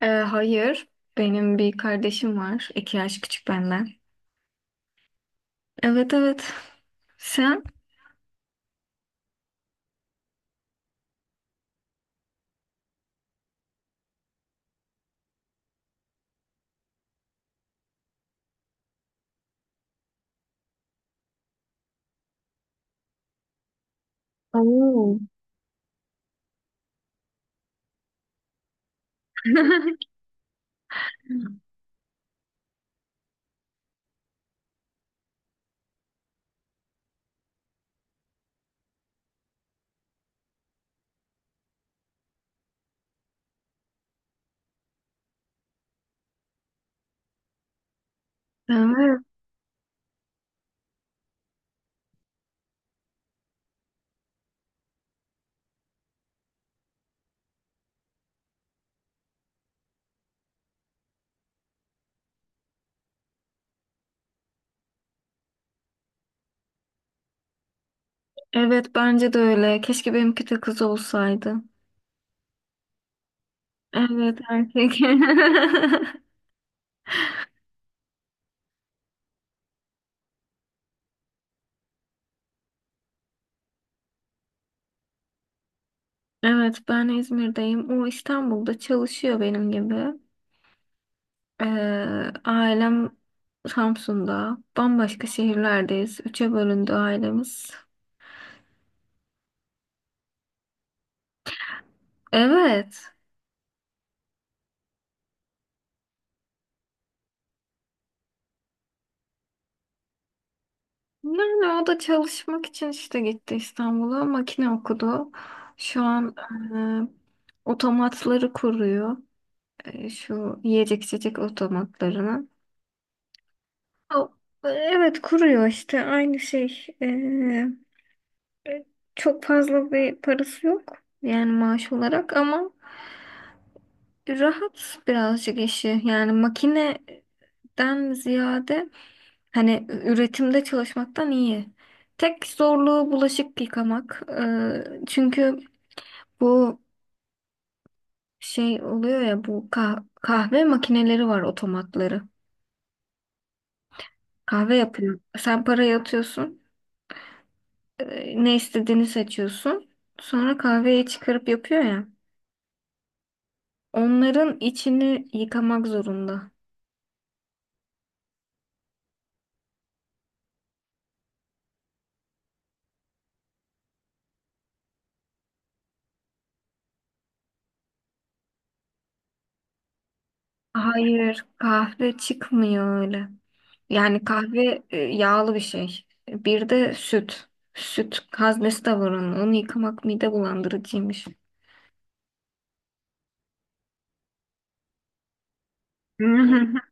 Hayır. Benim bir kardeşim var. İki yaş küçük benden. Evet evet. Sen? Oo. Evet. Evet bence de öyle. Keşke benimki de kız olsaydı. Evet erkek. Evet ben İzmir'deyim. O İstanbul'da çalışıyor benim gibi. Ee, ailem Samsun'da. Bambaşka şehirlerdeyiz. Üçe bölündü ailemiz. Evet. Yani o da çalışmak için işte gitti İstanbul'a. Makine okudu. Şu an otomatları kuruyor. Şu yiyecek içecek otomatlarını. O- Evet kuruyor işte aynı şey. E, Çok fazla bir parası yok. Yani maaş olarak ama rahat birazcık işi, yani makineden ziyade hani üretimde çalışmaktan iyi. Tek zorluğu bulaşık yıkamak. Çünkü bu şey oluyor ya, bu kahve makineleri var, otomatları. Kahve yapıyor. Sen parayı atıyorsun. Ne istediğini seçiyorsun. Sonra kahveyi çıkarıp yapıyor ya. Onların içini yıkamak zorunda. Hayır, kahve çıkmıyor öyle. Yani kahve yağlı bir şey. Bir de süt. Süt haznesi de var onun. Onu yıkamak mide bulandırıcıymış.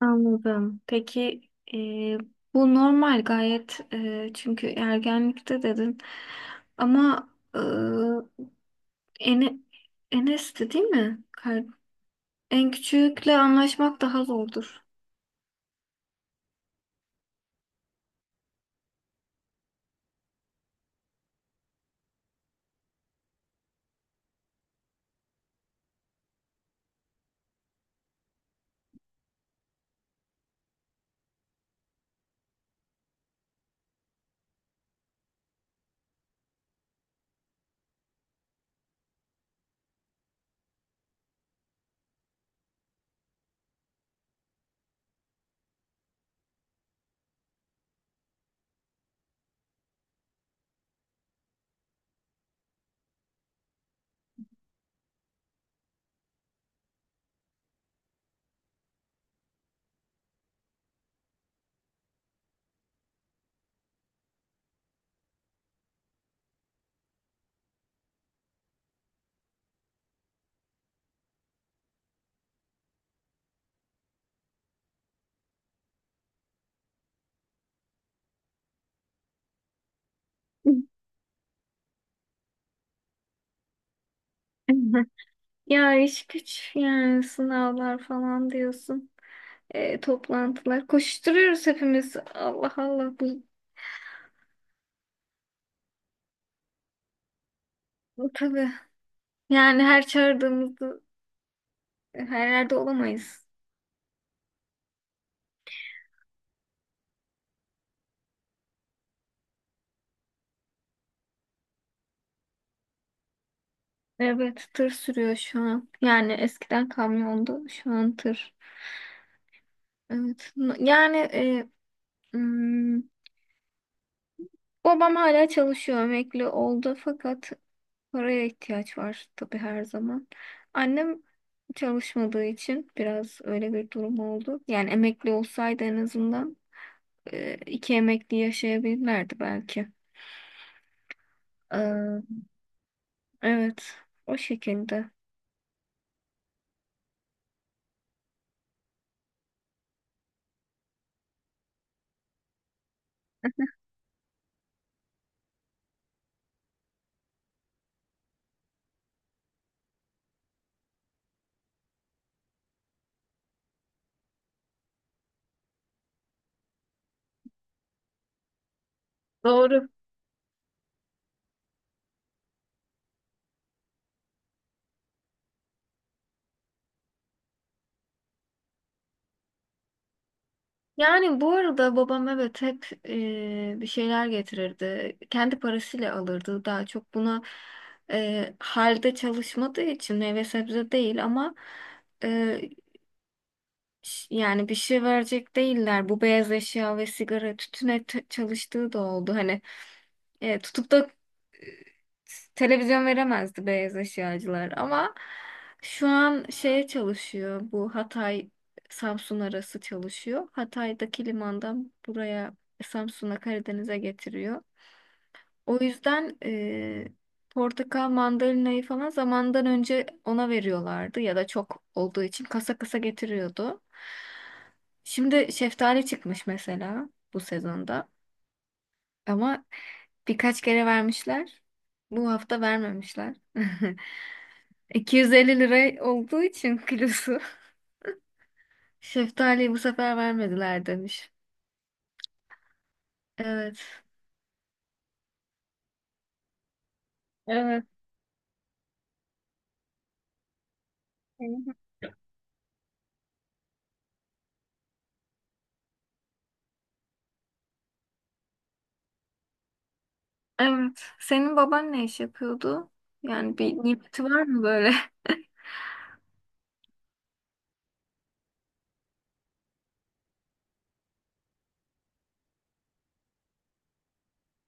Anladım. Peki e, bu normal gayet, çünkü ergenlikte dedin ama e, Ene, Enes'ti değil mi? En küçükle anlaşmak daha zordur. Ya iş güç, yani sınavlar falan diyorsun. Toplantılar. Koşturuyoruz hepimiz. Allah Allah, bu tabii. Yani her çağırdığımızda her yerde olamayız. Evet, tır sürüyor şu an. Yani eskiden kamyondu, şu an tır. Evet. Yani hmm, babam hala çalışıyor, emekli oldu fakat paraya ihtiyaç var tabii her zaman. Annem çalışmadığı için biraz öyle bir durum oldu. Yani emekli olsaydı en azından iki emekli yaşayabilirlerdi belki. Ee, evet, o şekilde. Doğru. Yani bu arada babam evet hep bir şeyler getirirdi. Kendi parasıyla alırdı daha çok. Buna halde çalışmadığı için meyve sebze değil ama yani bir şey verecek değiller. Bu beyaz eşya ve sigara tütüne çalıştığı da oldu. Hani tutup da e, televizyon veremezdi beyaz eşyacılar. Ama şu an şeye çalışıyor. Bu Hatay Samsun arası çalışıyor. Hatay'daki limandan buraya, Samsun'a, Karadeniz'e getiriyor. O yüzden portakal mandalinayı falan zamandan önce ona veriyorlardı ya da çok olduğu için kasa kasa getiriyordu. Şimdi şeftali çıkmış mesela bu sezonda ama birkaç kere vermişler. Bu hafta vermemişler. 250 lira olduğu için kilosu. Şeftaliyi bu sefer vermediler demiş. Evet. Evet. Hı hı. Evet. Senin baban ne iş yapıyordu? Yani bir nimeti var mı böyle?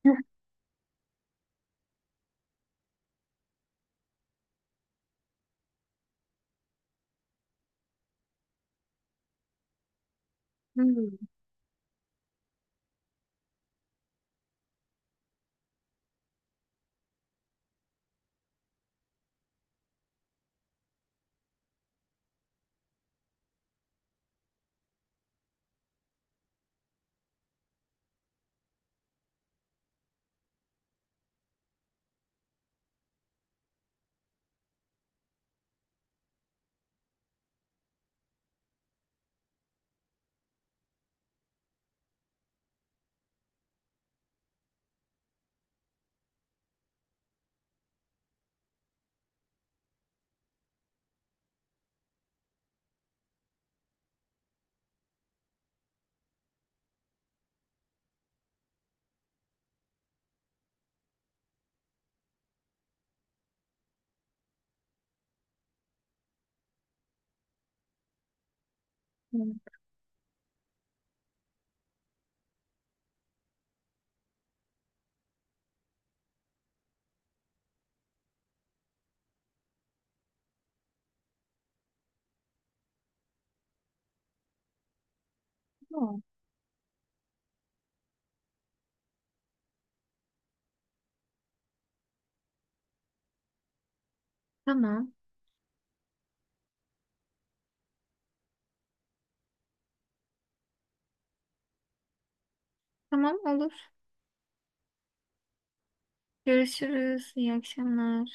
Hmm, hmm. Tamam. Tamam olur. Görüşürüz. İyi akşamlar.